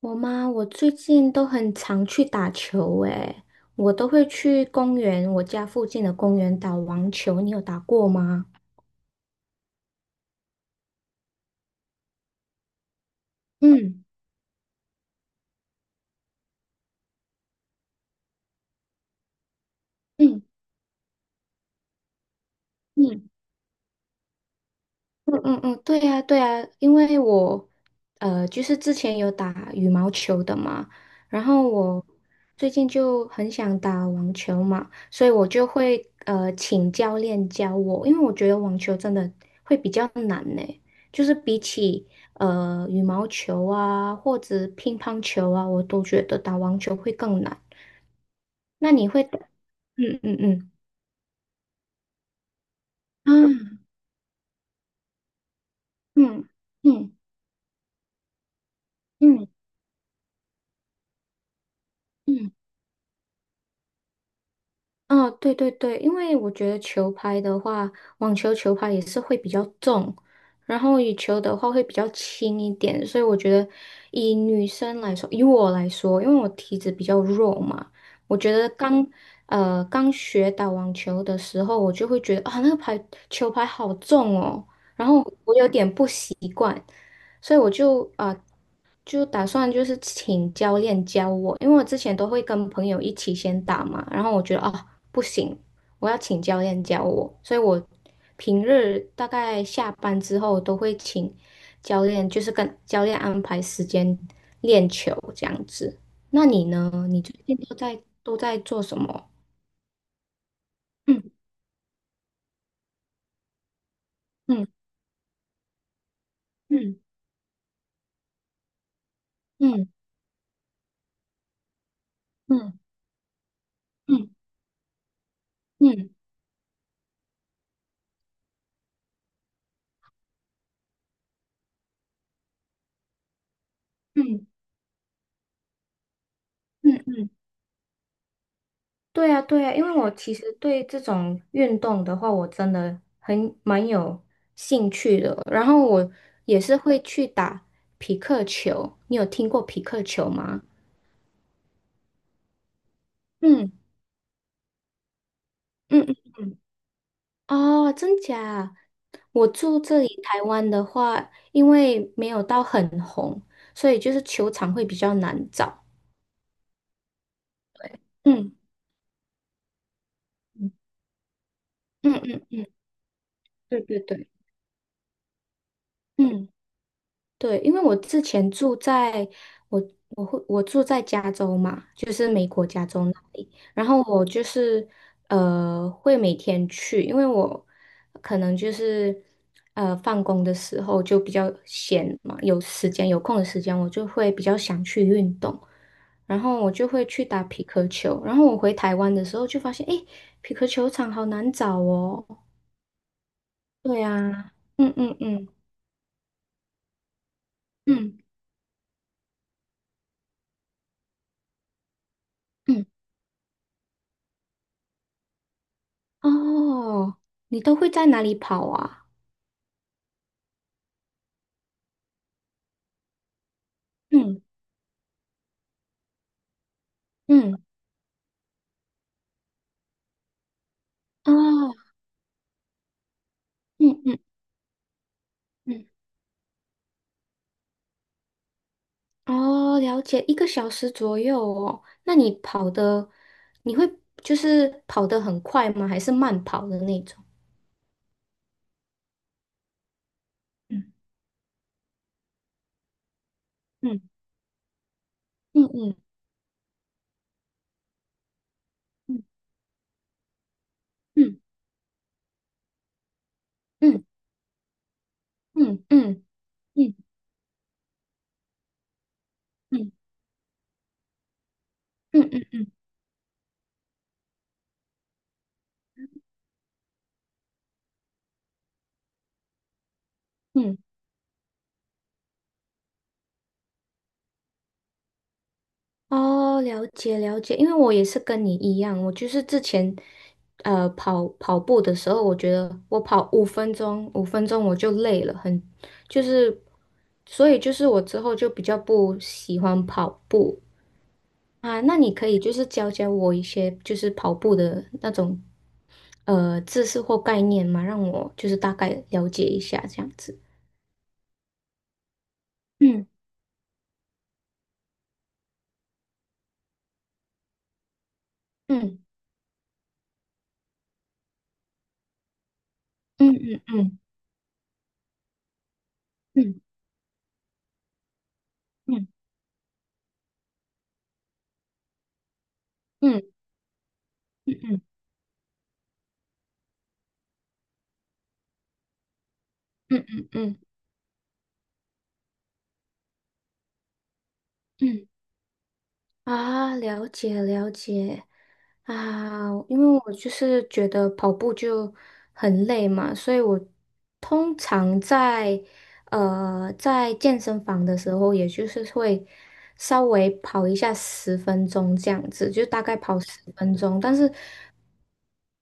我吗？我最近都很常去打球，诶，我都会去公园，我家附近的公园打网球。你有打过吗？嗯嗯嗯。嗯嗯嗯，对呀对呀，因为我就是之前有打羽毛球的嘛，然后我最近就很想打网球嘛，所以我就会请教练教我，因为我觉得网球真的会比较难呢，就是比起羽毛球啊或者乒乓球啊，我都觉得打网球会更难。那你会打？嗯嗯嗯，啊，嗯嗯嗯嗯。啊，对对对，因为我觉得球拍的话，网球球拍也是会比较重，然后羽球的话会比较轻一点，所以我觉得以女生来说，以我来说，因为我体质比较弱嘛，我觉得刚刚学打网球的时候，我就会觉得啊那个球拍好重哦，然后我有点不习惯，所以我就打算就是请教练教我，因为我之前都会跟朋友一起先打嘛，然后我觉得哦不行，我要请教练教我，所以我平日大概下班之后都会请教练，就是跟教练安排时间练球这样子。那你呢？你最近都在做什么？嗯嗯嗯嗯嗯嗯嗯嗯嗯嗯。对呀，对呀，因为我其实对这种运动的话，我真的很蛮有兴趣的。然后我也是会去打匹克球，你有听过匹克球吗？嗯嗯嗯，哦，真假？我住这里台湾的话，因为没有到很红，所以就是球场会比较难找。嗯嗯嗯嗯嗯，对对对，嗯。对，因为我之前住在我我会我住在加州嘛，就是美国加州那里，然后我就是会每天去，因为我可能就是放工的时候就比较闲嘛，有空的时间，我就会比较想去运动，然后我就会去打匹克球，然后我回台湾的时候就发现，诶，匹克球场好难找哦。对呀，嗯嗯嗯嗯嗯。哦，你都会在哪里跑啊？嗯嗯，哦，嗯嗯嗯，哦，了解，1个小时左右哦。那你跑的，你会就是跑得很快吗？还是慢跑的那种？嗯嗯嗯嗯嗯嗯嗯嗯嗯嗯嗯嗯嗯嗯。哦，了解了解，因为我也是跟你一样，我就是之前，跑跑步的时候，我觉得我跑五分钟，五分钟我就累了，很，就是，所以就是我之后就比较不喜欢跑步啊。那你可以就是教教我一些就是跑步的那种，知识或概念嘛，让我就是大概了解一下这样子。嗯嗯嗯嗯嗯嗯嗯嗯嗯嗯嗯嗯嗯嗯。嗯嗯嗯啊，了解了解啊，因为我就是觉得跑步就很累嘛，所以我通常在健身房的时候，也就是会稍微跑一下十分钟这样子，就大概跑十分钟。但是，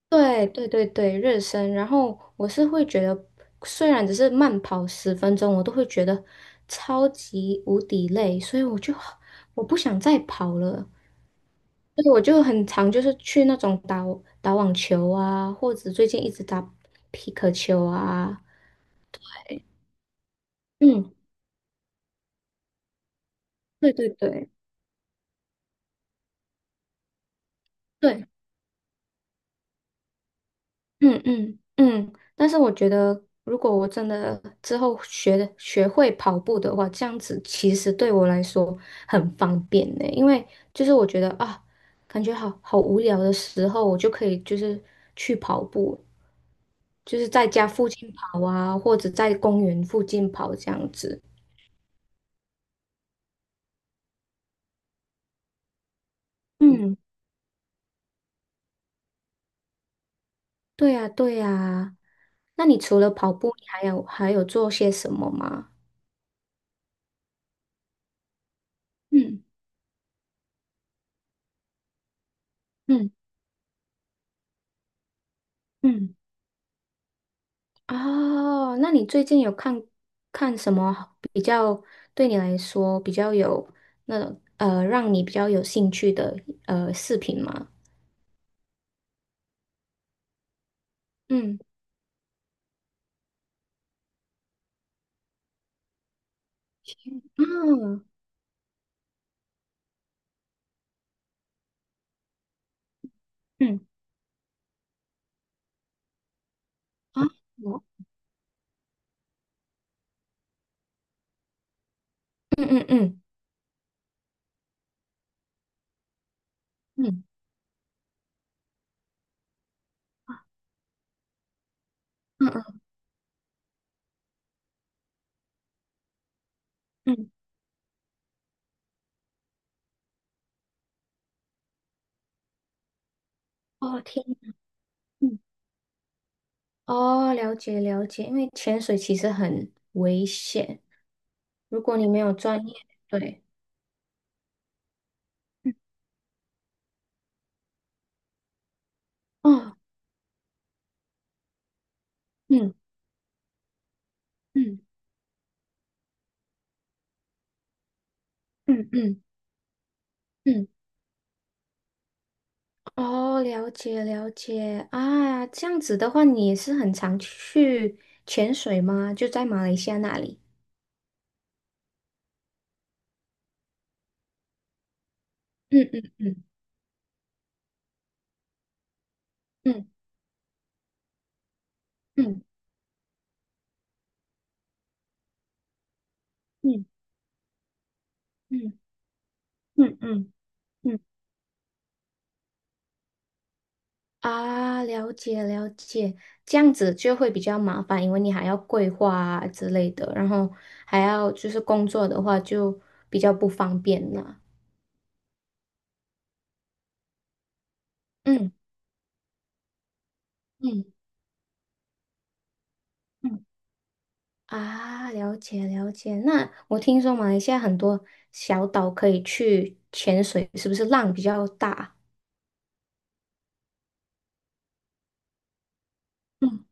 对对对对，热身。然后我是会觉得，虽然只是慢跑十分钟，我都会觉得超级无敌累，所以我不想再跑了。对，我就很常就是去那种打打网球啊，或者最近一直打皮克球啊。嗯，对对对对，嗯嗯嗯。但是我觉得，如果我真的之后学会跑步的话，这样子其实对我来说很方便呢。因为就是我觉得啊，感觉好好无聊的时候，我就可以就是去跑步，就是在家附近跑啊，或者在公园附近跑这样子。嗯。对呀，对呀。那你除了跑步，你还有做些什么吗？嗯嗯嗯，哦，那你最近有看看什么比较对你来说比较有那种让你比较有兴趣的视频吗？嗯嗯，嗯啊，我嗯嗯嗯嗯嗯嗯，嗯哦天，嗯，哦了解了解，因为潜水其实很危险，如果你没有专业，对。哦，嗯嗯嗯嗯嗯，哦，了解了解啊，这样子的话，你也是很常去潜水吗？就在马来西亚那里？嗯嗯嗯嗯嗯嗯嗯嗯嗯嗯啊，了解了解，这样子就会比较麻烦，因为你还要规划啊之类的，然后还要就是工作的话就比较不方便了。嗯嗯嗯啊，了解了解。那我听说马来西亚很多小岛可以去潜水，是不是浪比较大？嗯，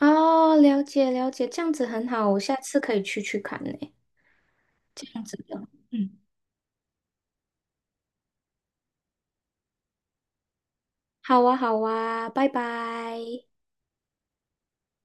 哦，了解了解，这样子很好，我下次可以去去看呢。这样子的，嗯，好啊，好啊，拜拜。